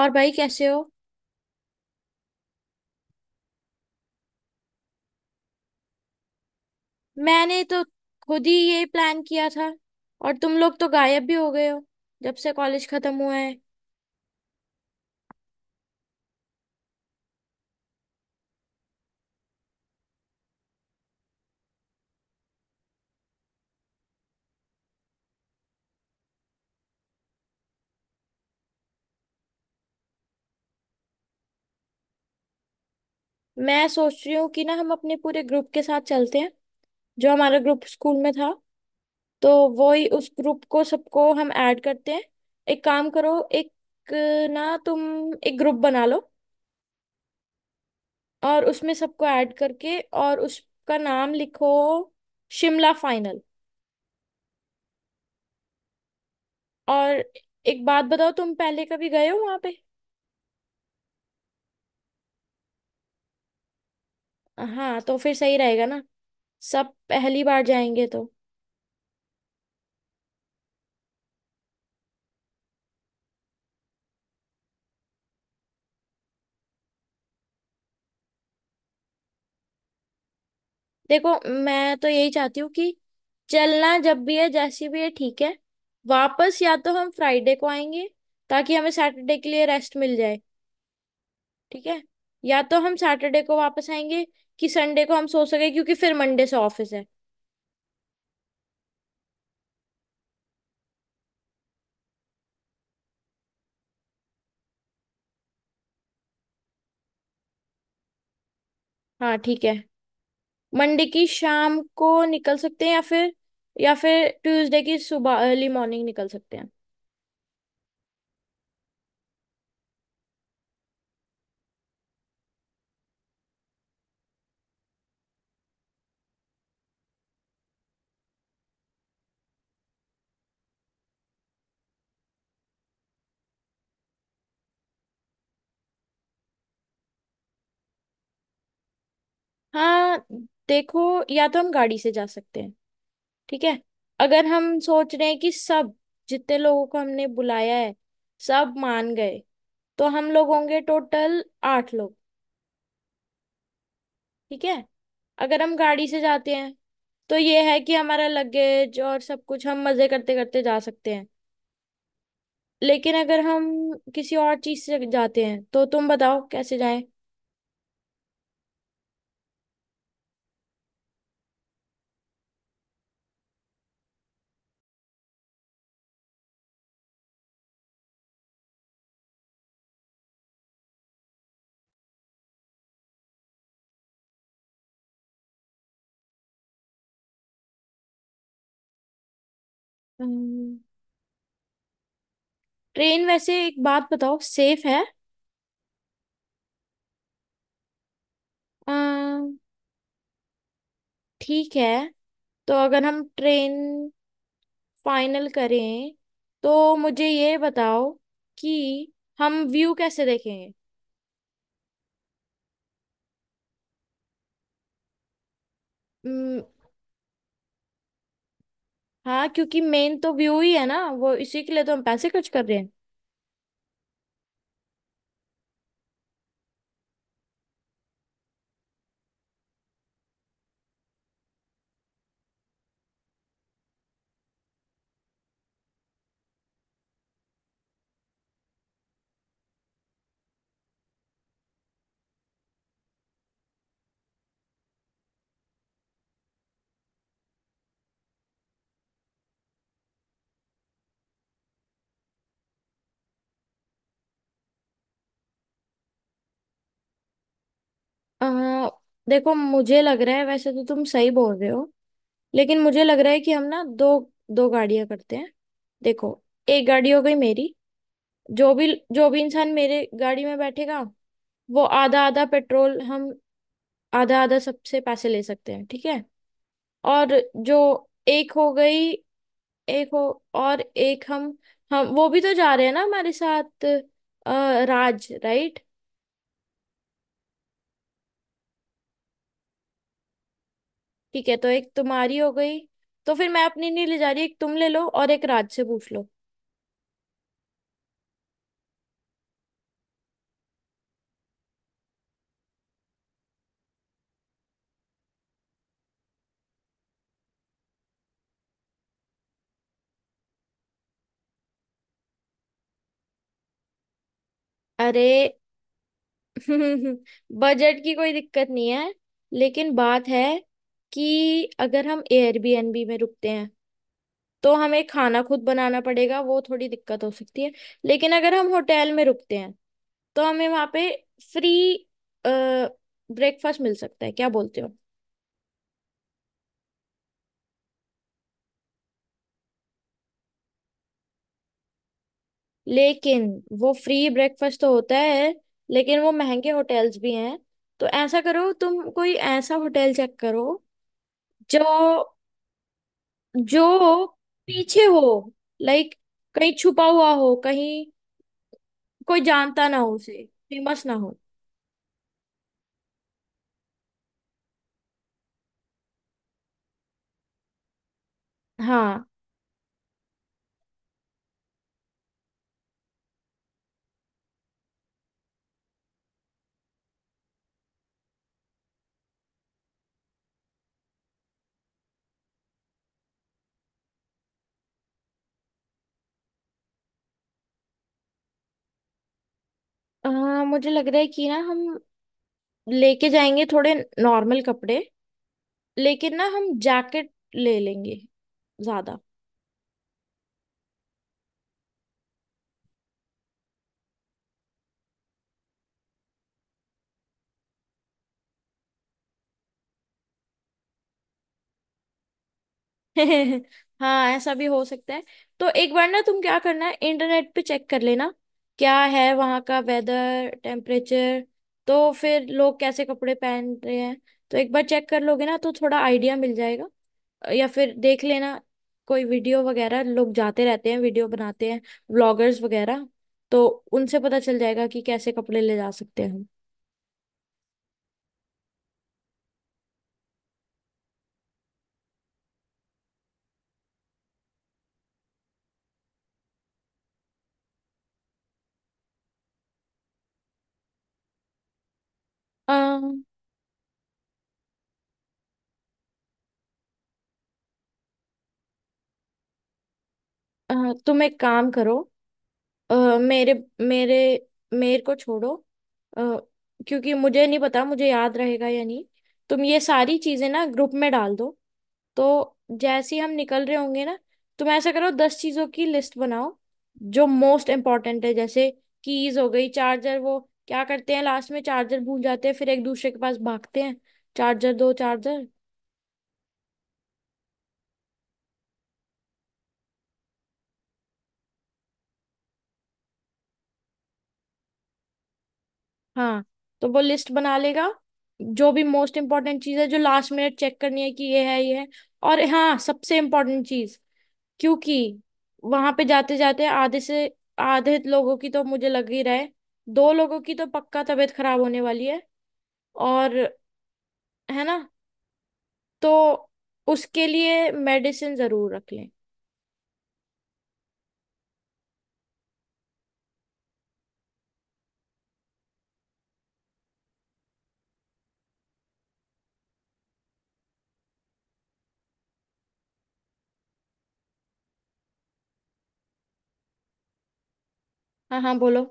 और भाई कैसे हो? मैंने तो खुद ही ये प्लान किया था। और तुम लोग तो गायब भी हो गए हो जब से कॉलेज खत्म हुआ है। मैं सोच रही हूँ कि ना हम अपने पूरे ग्रुप के साथ चलते हैं, जो हमारा ग्रुप स्कूल में था। तो वो ही, उस ग्रुप को सबको हम ऐड करते हैं। एक काम करो, एक ना तुम एक ग्रुप बना लो, और उसमें सबको ऐड करके, और उसका नाम लिखो शिमला फाइनल। और एक बात बताओ, तुम पहले कभी गए हो वहां पे? हाँ, तो फिर सही रहेगा ना, सब पहली बार जाएंगे तो। देखो, मैं तो यही चाहती हूँ कि चलना जब भी है जैसी भी है ठीक है। वापस या तो हम फ्राइडे को आएंगे ताकि हमें सैटरडे के लिए रेस्ट मिल जाए। ठीक है। या तो हम सैटरडे को वापस आएंगे कि संडे को हम सो सके, क्योंकि फिर मंडे से ऑफिस है। हाँ ठीक है, मंडे की शाम को निकल सकते हैं, या फिर, या फिर ट्यूसडे की सुबह अर्ली मॉर्निंग निकल सकते हैं। हाँ, देखो, या तो हम गाड़ी से जा सकते हैं। ठीक है, अगर हम सोच रहे हैं कि सब, जितने लोगों को हमने बुलाया है, सब मान गए, तो हम लोग होंगे टोटल आठ लोग। ठीक है, अगर हम गाड़ी से जाते हैं तो ये है कि हमारा लगेज और सब कुछ हम मजे करते करते जा सकते हैं। लेकिन अगर हम किसी और चीज से जाते हैं तो तुम बताओ कैसे जाएं। अम्म, ट्रेन वैसे एक बात बताओ, सेफ है? अम्म, ठीक है, तो अगर हम ट्रेन फाइनल करें तो मुझे ये बताओ कि हम व्यू कैसे देखेंगे। हम्म, हाँ क्योंकि मेन तो व्यू ही है ना, वो इसी के लिए तो हम पैसे खर्च कर रहे हैं। अ, देखो, मुझे लग रहा है वैसे तो तुम सही बोल रहे हो, लेकिन मुझे लग रहा है कि हम ना, दो दो गाड़ियां करते हैं। देखो, एक गाड़ी हो गई मेरी, जो भी जो भी इंसान मेरे गाड़ी में बैठेगा, वो आधा आधा पेट्रोल हम, आधा आधा सबसे पैसे ले सकते हैं ठीक है। और जो, एक हो गई, एक हो, और एक हम वो भी तो जा रहे हैं ना हमारे साथ, राज, राइट? ठीक है, तो एक तुम्हारी हो गई। तो फिर मैं अपनी नहीं ले जा रही, एक तुम ले लो और एक राज से पूछ लो। अरे बजट की कोई दिक्कत नहीं है, लेकिन बात है कि अगर हम एयरबीएनबी में रुकते हैं तो हमें खाना खुद बनाना पड़ेगा, वो थोड़ी दिक्कत हो सकती है। लेकिन अगर हम होटल में रुकते हैं तो हमें वहाँ पे फ्री ब्रेकफास्ट मिल सकता है, क्या बोलते हो? लेकिन वो फ्री ब्रेकफास्ट तो होता है, लेकिन वो महंगे होटल्स भी हैं, तो ऐसा करो, तुम कोई ऐसा होटल चेक करो जो जो पीछे हो, लाइक, कहीं छुपा हुआ हो, कहीं कोई जानता ना हो उसे, फेमस ना हो। हाँ, अ, मुझे लग रहा है कि ना हम लेके जाएंगे थोड़े नॉर्मल कपड़े, लेकिन ना हम जैकेट ले लेंगे ज्यादा। हाँ, ऐसा भी हो सकता है। तो एक बार ना, तुम क्या करना है, इंटरनेट पे चेक कर लेना, क्या है वहाँ का वेदर टेम्परेचर, तो फिर लोग कैसे कपड़े पहन रहे हैं, तो एक बार चेक कर लोगे ना तो थोड़ा आइडिया मिल जाएगा। या फिर देख लेना, कोई वीडियो वगैरह, लोग जाते रहते हैं, वीडियो बनाते हैं, व्लॉगर्स वगैरह, तो उनसे पता चल जाएगा कि कैसे कपड़े ले जा सकते हैं। हम, तुम एक काम करो, अ, मेरे मेरे मेरे को छोड़ो, अ, क्योंकि मुझे नहीं पता मुझे याद रहेगा या नहीं, तुम ये सारी चीजें ना ग्रुप में डाल दो, तो जैसे ही हम निकल रहे होंगे ना, तुम ऐसा करो, 10 चीजों की लिस्ट बनाओ जो मोस्ट इम्पोर्टेंट है, जैसे कीज हो गई, चार्जर, वो क्या करते हैं, लास्ट में चार्जर भूल जाते हैं फिर एक दूसरे के पास भागते हैं, चार्जर, दो चार्जर। हाँ, तो वो लिस्ट बना लेगा, जो भी मोस्ट इम्पोर्टेंट चीज है, जो लास्ट मिनट चेक करनी है कि ये है ये है। और हाँ, सबसे इम्पोर्टेंट चीज, क्योंकि वहां पे जाते जाते आधे से आधे लोगों की तो मुझे लग ही रहा है, दो लोगों की तो पक्का तबीयत खराब होने वाली है, और है ना, तो उसके लिए मेडिसिन जरूर रख लें। हाँ हाँ, बोलो।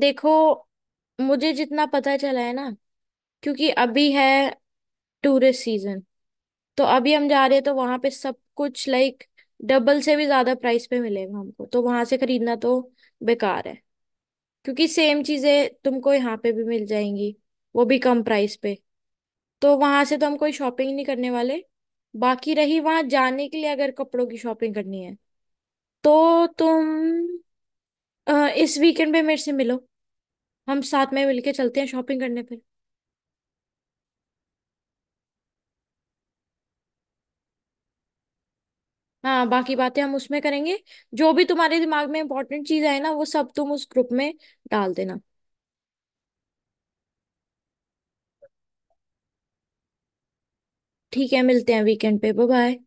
देखो, मुझे जितना पता चला है ना, क्योंकि अभी है टूरिस्ट सीजन, तो अभी हम जा रहे हैं तो वहां पे सब कुछ, लाइक, डबल से भी ज्यादा प्राइस पे मिलेगा, हमको तो वहां से खरीदना तो बेकार है, क्योंकि सेम चीजें तुमको यहाँ पे भी मिल जाएंगी, वो भी कम प्राइस पे। तो वहां से तो हम कोई शॉपिंग नहीं करने वाले। बाकी रही, वहां जाने के लिए अगर कपड़ों की शॉपिंग करनी है तो तुम, इस वीकेंड पे मेरे से मिलो, हम साथ में मिलके चलते हैं शॉपिंग करने पे। हाँ, बाकी बातें हम उसमें करेंगे, जो भी तुम्हारे दिमाग में इंपॉर्टेंट चीज आए ना वो सब तुम उस ग्रुप में डाल देना। ठीक है, मिलते हैं वीकेंड पे, बाय बाय।